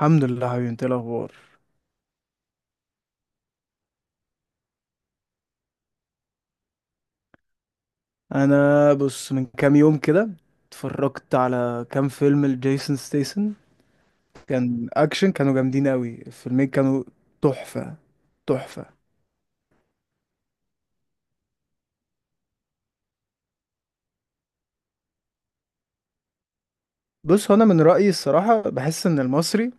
الحمد لله حبيبي، انت ايه الاخبار؟ انا بص، من كام يوم كده اتفرجت على كام فيلم لجيسون ستيسن. كان اكشن، كانوا جامدين قوي. الفيلمين كانوا تحفة تحفة. بص، هو انا من رأيي الصراحة بحس ان المصري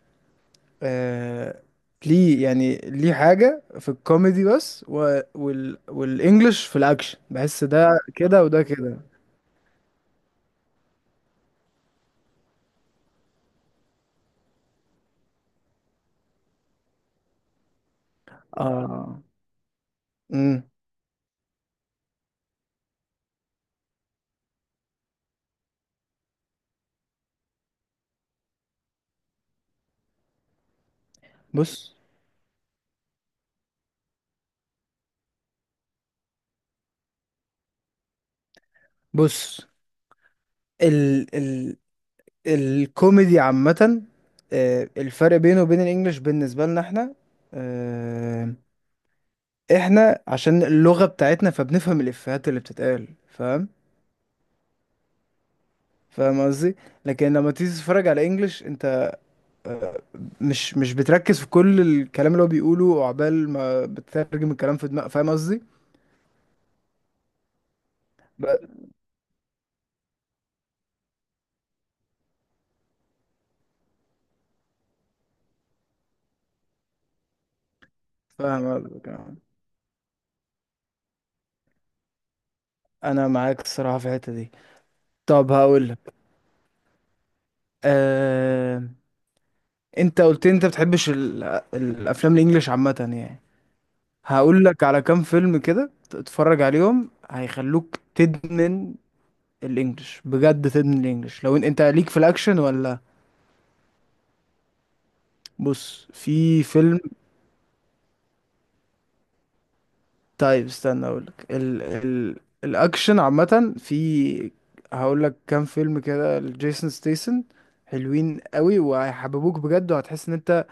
آه ليه يعني، ليه حاجة في الكوميدي بس، و والانجليش في الاكشن. بحس ده كده وده كده. اه امم بص. بص ال ال الكوميدي عامة، آه، الفرق بينه وبين الانجليش بالنسبة لنا احنا، آه، احنا عشان اللغة بتاعتنا فبنفهم الافيهات اللي بتتقال. فاهم؟ فاهم قصدي. لكن لما تيجي تتفرج على انجليش، انت مش بتركز في كل الكلام اللي هو بيقوله، وعقبال ما بتترجم الكلام في دماغك. فاهم قصدي؟ ب- فاهم قصدك. آه، انا معاك الصراحة في الحتة دي. طب هقول لك. أه... انت قلت لي انت بتحبش الافلام الانجليش عامة يعني. هقول لك على كام فيلم كده، تتفرج عليهم هيخلوك تدمن الانجليش. بجد تدمن الانجليش لو انت ليك في الاكشن ولا. بص، في فيلم. طيب استنى اقول لك الاكشن عامه. في، هقول لك كام فيلم كده لجيسون ستيسن حلوين قوي، وهيحببوك بجد، وهتحس ان انت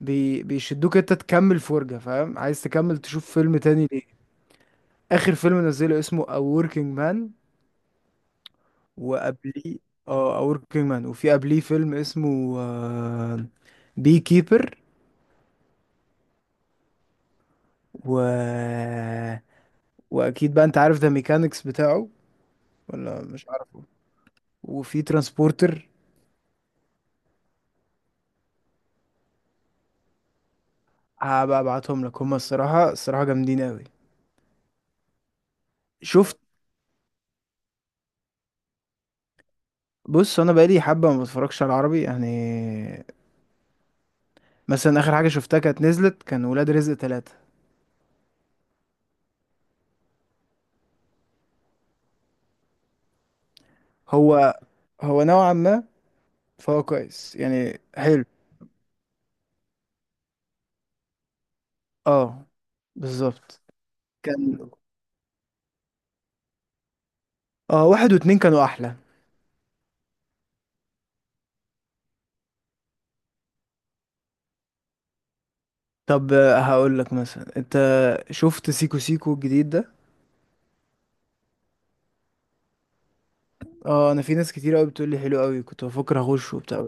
بيشدوك انت تكمل فرجة. فاهم؟ عايز تكمل تشوف فيلم تاني ليه. اخر فيلم نزله اسمه A Working Man. وقبليه، اه، وركينج مان، وفي قبليه فيلم اسمه بي كيبر. و واكيد بقى انت عارف ده، ميكانيكس بتاعه، ولا مش عارفه. وفي ترانسبورتر. هبقى ابعتهم لك، هما الصراحه جامدين قوي. شفت؟ بص، انا بقالي حبه ما بتفرجش على العربي يعني. مثلا اخر حاجه شفتها كانت نزلت كان ولاد رزق ثلاثة. هو هو نوعا ما، فهو كويس يعني، حلو. اه، بالظبط. كان، اه، واحد واتنين كانوا احلى. طب آه، هقول لك مثلا، انت شفت سيكو سيكو الجديد ده؟ اه، انا في ناس كتير قوي بتقول لي حلو قوي، كنت بفكر اخش وبتاع.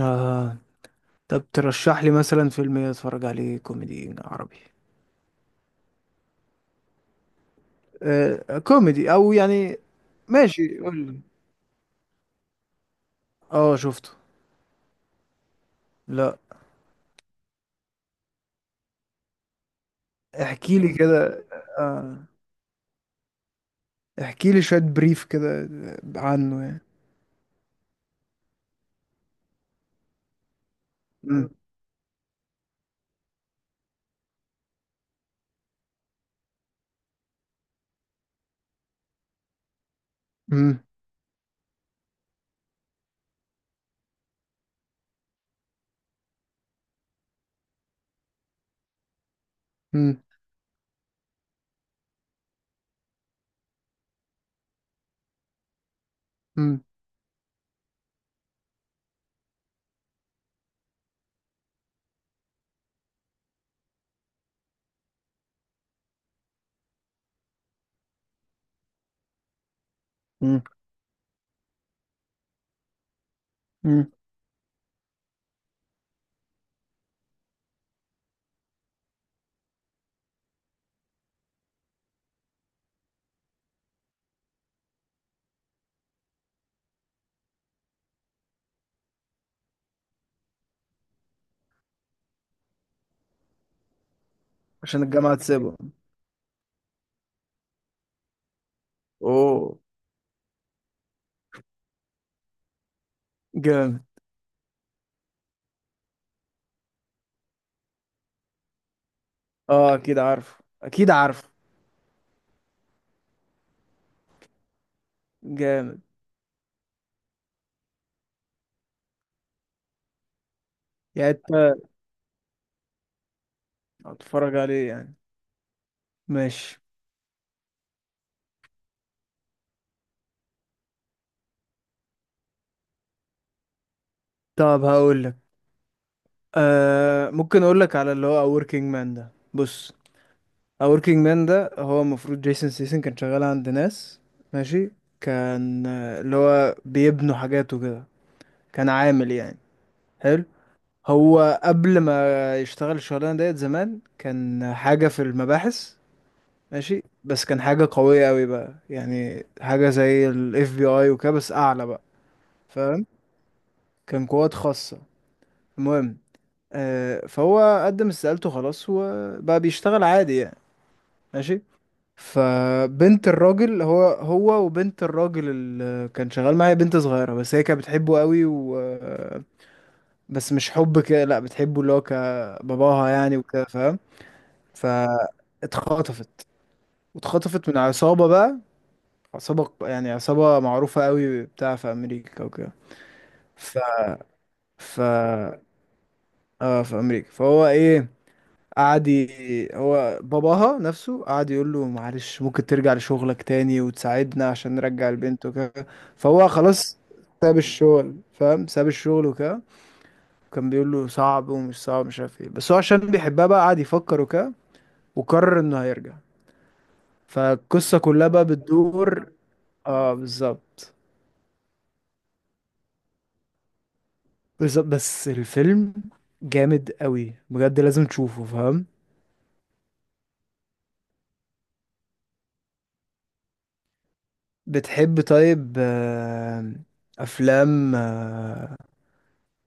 اه. طب ترشح لي مثلا فيلم إيه اتفرج عليه كوميدي عربي؟ آه كوميدي او يعني. ماشي قول لي. اه، شفته. لا. احكي لي كده. آه احكي لي شوية بريف كده عنه يعني. مم. مم. مم. مم. مم. مم. عشان الجامعة تسيبه. اوه. جامد. اه اكيد عارف، اكيد عارف. جامد. يعني انت، هتتفرج عليه يعني. ماشي. طب هقول لك. آه ممكن اقول لك على اللي هو A Working Man ده. بص، A Working Man ده هو المفروض جيسون سيسن كان شغال عند ناس. ماشي. كان آه، اللي هو بيبنوا حاجاته كده. كان عامل يعني. حلو. هو قبل ما يشتغل الشغلانة ديت، زمان كان حاجة في المباحث. ماشي. بس كان حاجة قوية قوي بقى، يعني حاجة زي ال FBI وكده، بس أعلى بقى. فاهم؟ كان قوات خاصة. المهم آه، فهو قدم استقالته خلاص، وبقى بيشتغل عادي يعني. ماشي. فبنت الراجل، هو وبنت الراجل اللي كان شغال معايا، بنت صغيرة بس هي كانت بتحبه قوي، و بس مش حب كده لأ، بتحبه اللي هو كباباها يعني، وكده. فاهم؟ فاتخطفت. واتخطفت من عصابة بقى. عصابة يعني عصابة معروفة قوي بتاع في أمريكا وكده. ف ف اه، في أمريكا. فهو إيه، هو باباها نفسه قعد يقول له معلش، ممكن ترجع لشغلك تاني وتساعدنا عشان نرجع البنت وكده. فهو خلاص ساب الشغل. فاهم؟ ساب الشغل وكده. وكان بيقول له صعب ومش صعب، مش عارف ايه، بس هو عشان بيحبها بقى قعد يفكر وكده، وقرر انه هيرجع. فالقصة كلها بقى بتدور. اه بالظبط. بس الفيلم جامد قوي بجد، لازم تشوفه. فاهم؟ بتحب طيب آه، افلام آه،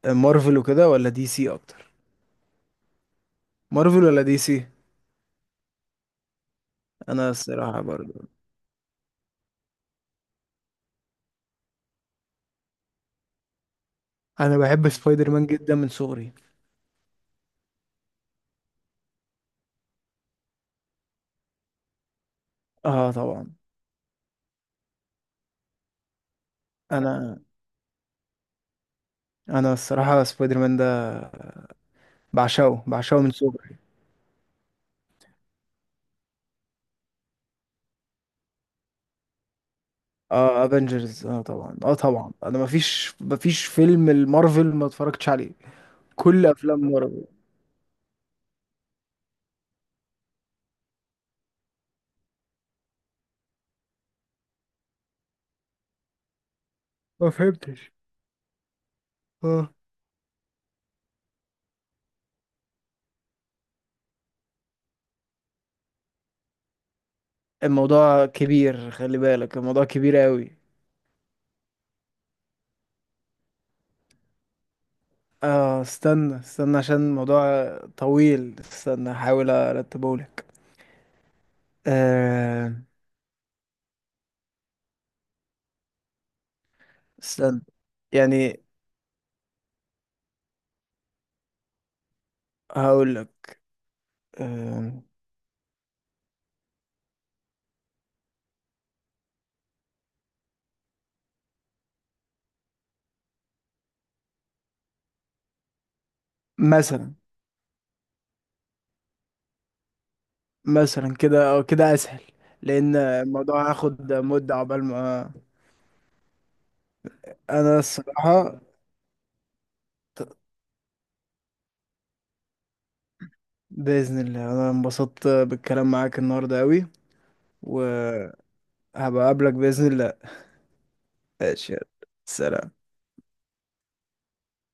مارفل وكده ولا دي سي اكتر؟ مارفل ولا دي سي؟ انا الصراحة برضو، انا بحب سبايدر مان جدا من صغري. اه طبعا. انا انا الصراحة سبايدر مان ده بعشقه من صغري. اه افنجرز، اه طبعا، اه طبعا. انا مفيش فيلم المارفل ما اتفرجتش عليه. كل افلام مارفل. ما فهمتش. اه. الموضوع كبير، خلي بالك، الموضوع كبير قوي. اه استنى، عشان الموضوع طويل. استنى هحاول ارتبه لك. آه استنى، يعني هقول لك آه مثلا، مثلا كده او كده اسهل، لان الموضوع هاخد مدة عقبال ما. انا الصراحة، بإذن الله انا انبسطت بالكلام معاك النهاردة قوي. وهبقى اقابلك بإذن الله. ماشي يلا. سلام.